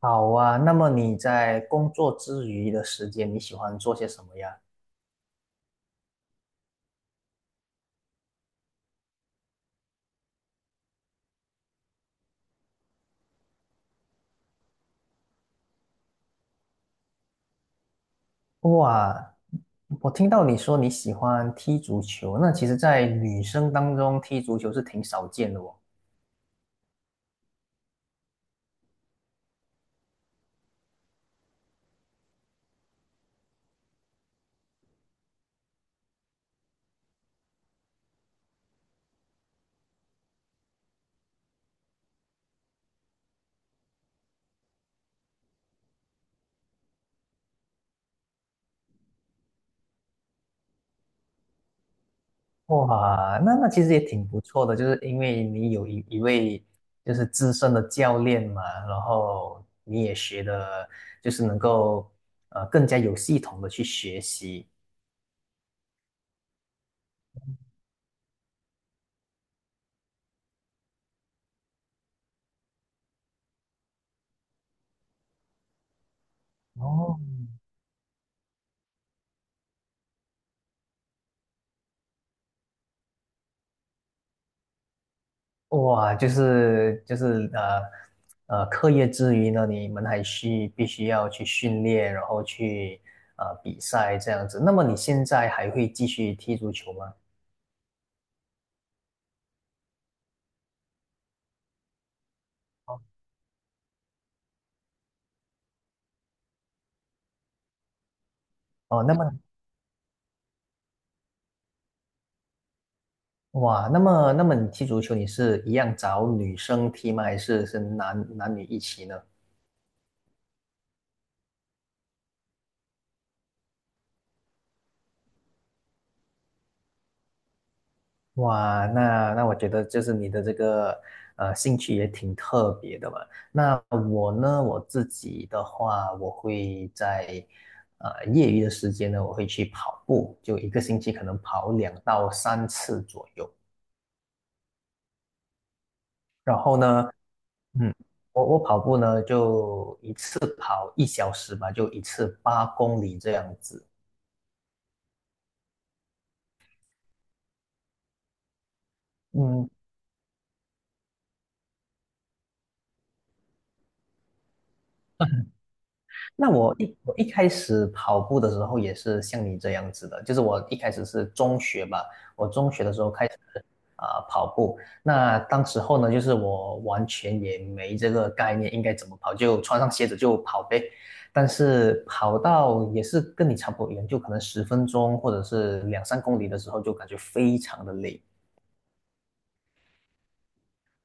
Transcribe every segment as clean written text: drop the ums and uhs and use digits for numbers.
好啊，那么你在工作之余的时间，你喜欢做些什么呀？哇，我听到你说你喜欢踢足球，那其实，在女生当中踢足球是挺少见的哦。哇，那其实也挺不错的，就是因为你有一位就是资深的教练嘛，然后你也学的，就是能够更加有系统的去学习。哦。哇，就是，课业之余呢，你们还需必须要去训练，然后去比赛这样子。那么你现在还会继续踢足球吗？哦，哦那么哇，那么你踢足球，你是一样找女生踢吗？还是男女一起呢？哇，那我觉得就是你的这个兴趣也挺特别的嘛。那我呢，我自己的话，我会在业余的时间呢，我会去跑步，就一个星期可能跑2到3次左右。然后呢，嗯，我跑步呢就一次跑1小时吧，就一次8公里这样子。嗯，那我一开始跑步的时候也是像你这样子的，就是我一开始是中学吧，我中学的时候开始跑步，那当时候呢，就是我完全也没这个概念应该怎么跑，就穿上鞋子就跑呗。但是跑到也是跟你差不多一样，就可能10分钟或者是2、3公里的时候，就感觉非常的累。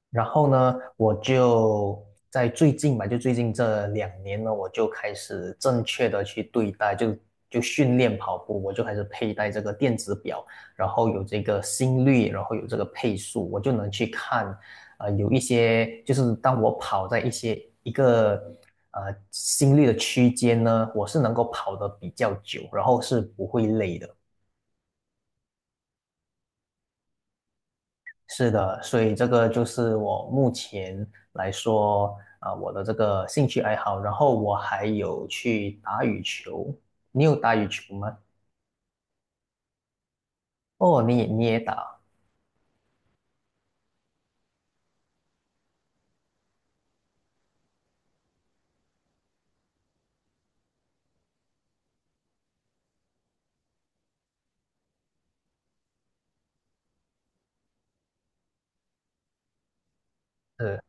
然后呢，我就在最近吧，就最近这2年呢，我就开始正确的去对待，就训练跑步，我就开始佩戴这个电子表，然后有这个心率，然后有这个配速，我就能去看，有一些就是当我跑在一个心率的区间呢，我是能够跑得比较久，然后是不会累的。是的，所以这个就是我目前来说我的这个兴趣爱好。然后我还有去打羽球，你有打羽球吗？哦，你也打，是，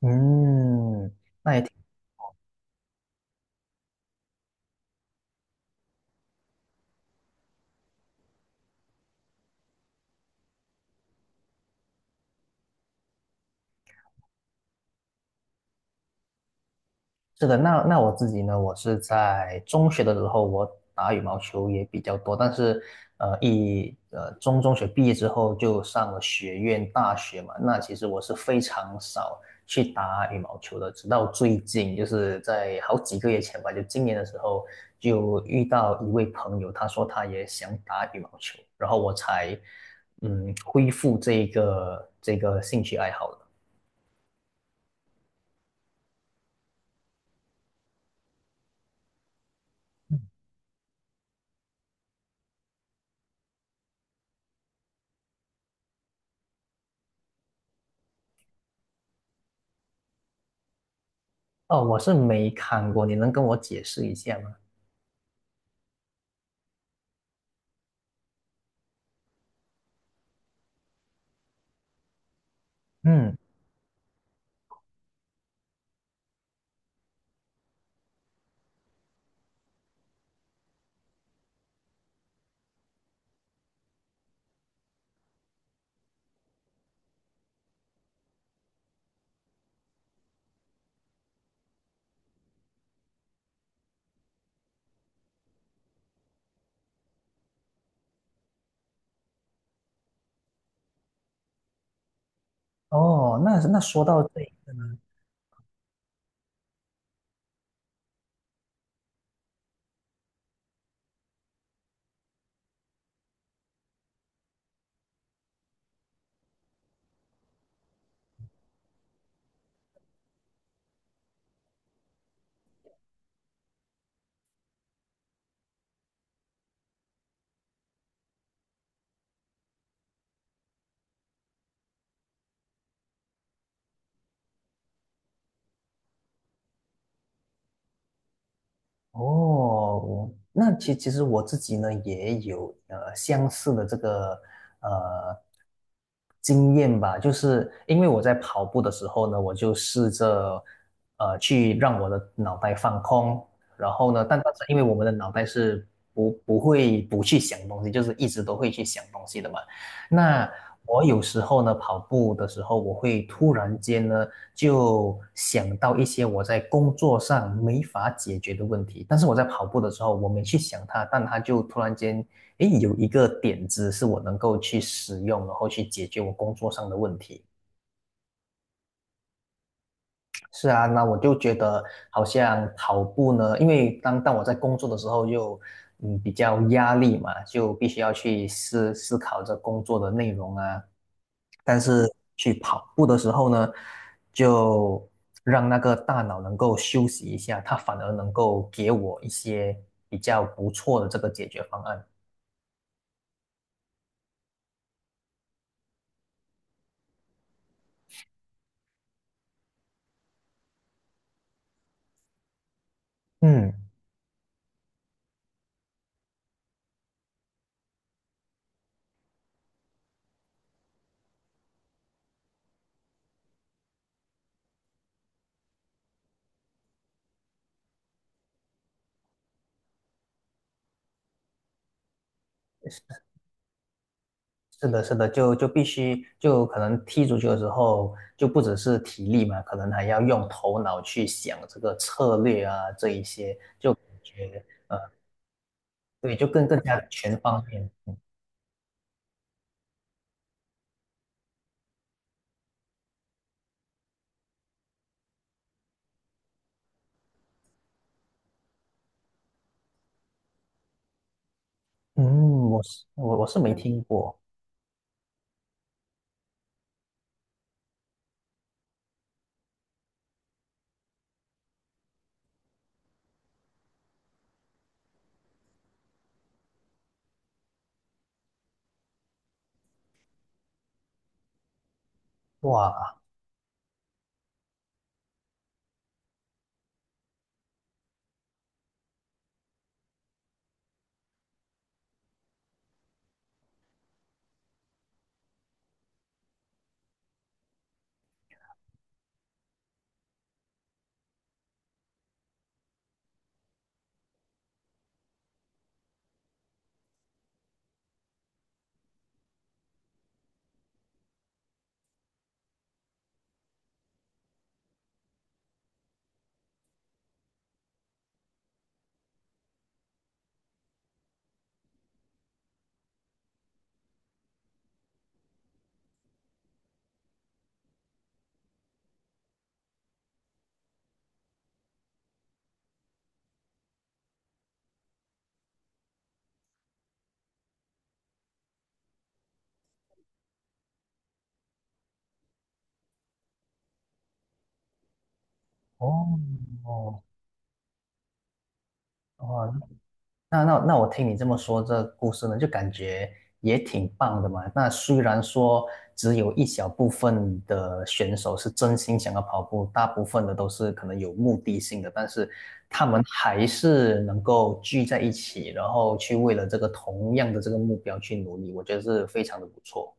嗯，是的，那我自己呢，我是在中学的时候，我打羽毛球也比较多，但是，中学毕业之后就上了学院大学嘛，那其实我是非常少去打羽毛球的，直到最近，就是在好几个月前吧，就今年的时候，就遇到一位朋友，他说他也想打羽毛球，然后我才恢复这个兴趣爱好的。哦，我是没看过，你能跟我解释一下吗？嗯。哦，那说到这一个呢，哦，那其实我自己呢也有相似的这个呃经验吧，就是因为我在跑步的时候呢，我就试着去让我的脑袋放空，然后呢，但是因为我们的脑袋是不会不去想东西，就是一直都会去想东西的嘛，那我有时候呢，跑步的时候，我会突然间呢，就想到一些我在工作上没法解决的问题。但是我在跑步的时候，我没去想它，但它就突然间，诶，有一个点子是我能够去使用，然后去解决我工作上的问题。是啊，那我就觉得好像跑步呢，因为当我在工作的时候就，比较压力嘛，就必须要去思考着工作的内容啊。但是去跑步的时候呢，就让那个大脑能够休息一下，它反而能够给我一些比较不错的这个解决方案。嗯。是的，是的，就必须就可能踢足球的时候，就不只是体力嘛，可能还要用头脑去想这个策略啊，这一些就感觉对，就更加全方面。嗯，我是没听过，哇，哦哦哦，那我听你这么说，这故事呢，就感觉也挺棒的嘛。那虽然说只有一小部分的选手是真心想要跑步，大部分的都是可能有目的性的，但是他们还是能够聚在一起，然后去为了这个同样的这个目标去努力，我觉得是非常的不错。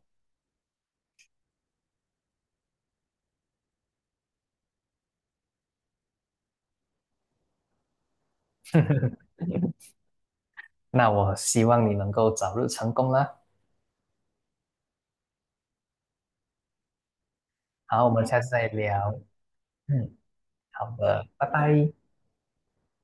那我希望你能够早日成功啦。好，我们下次再聊。嗯，好的，拜拜。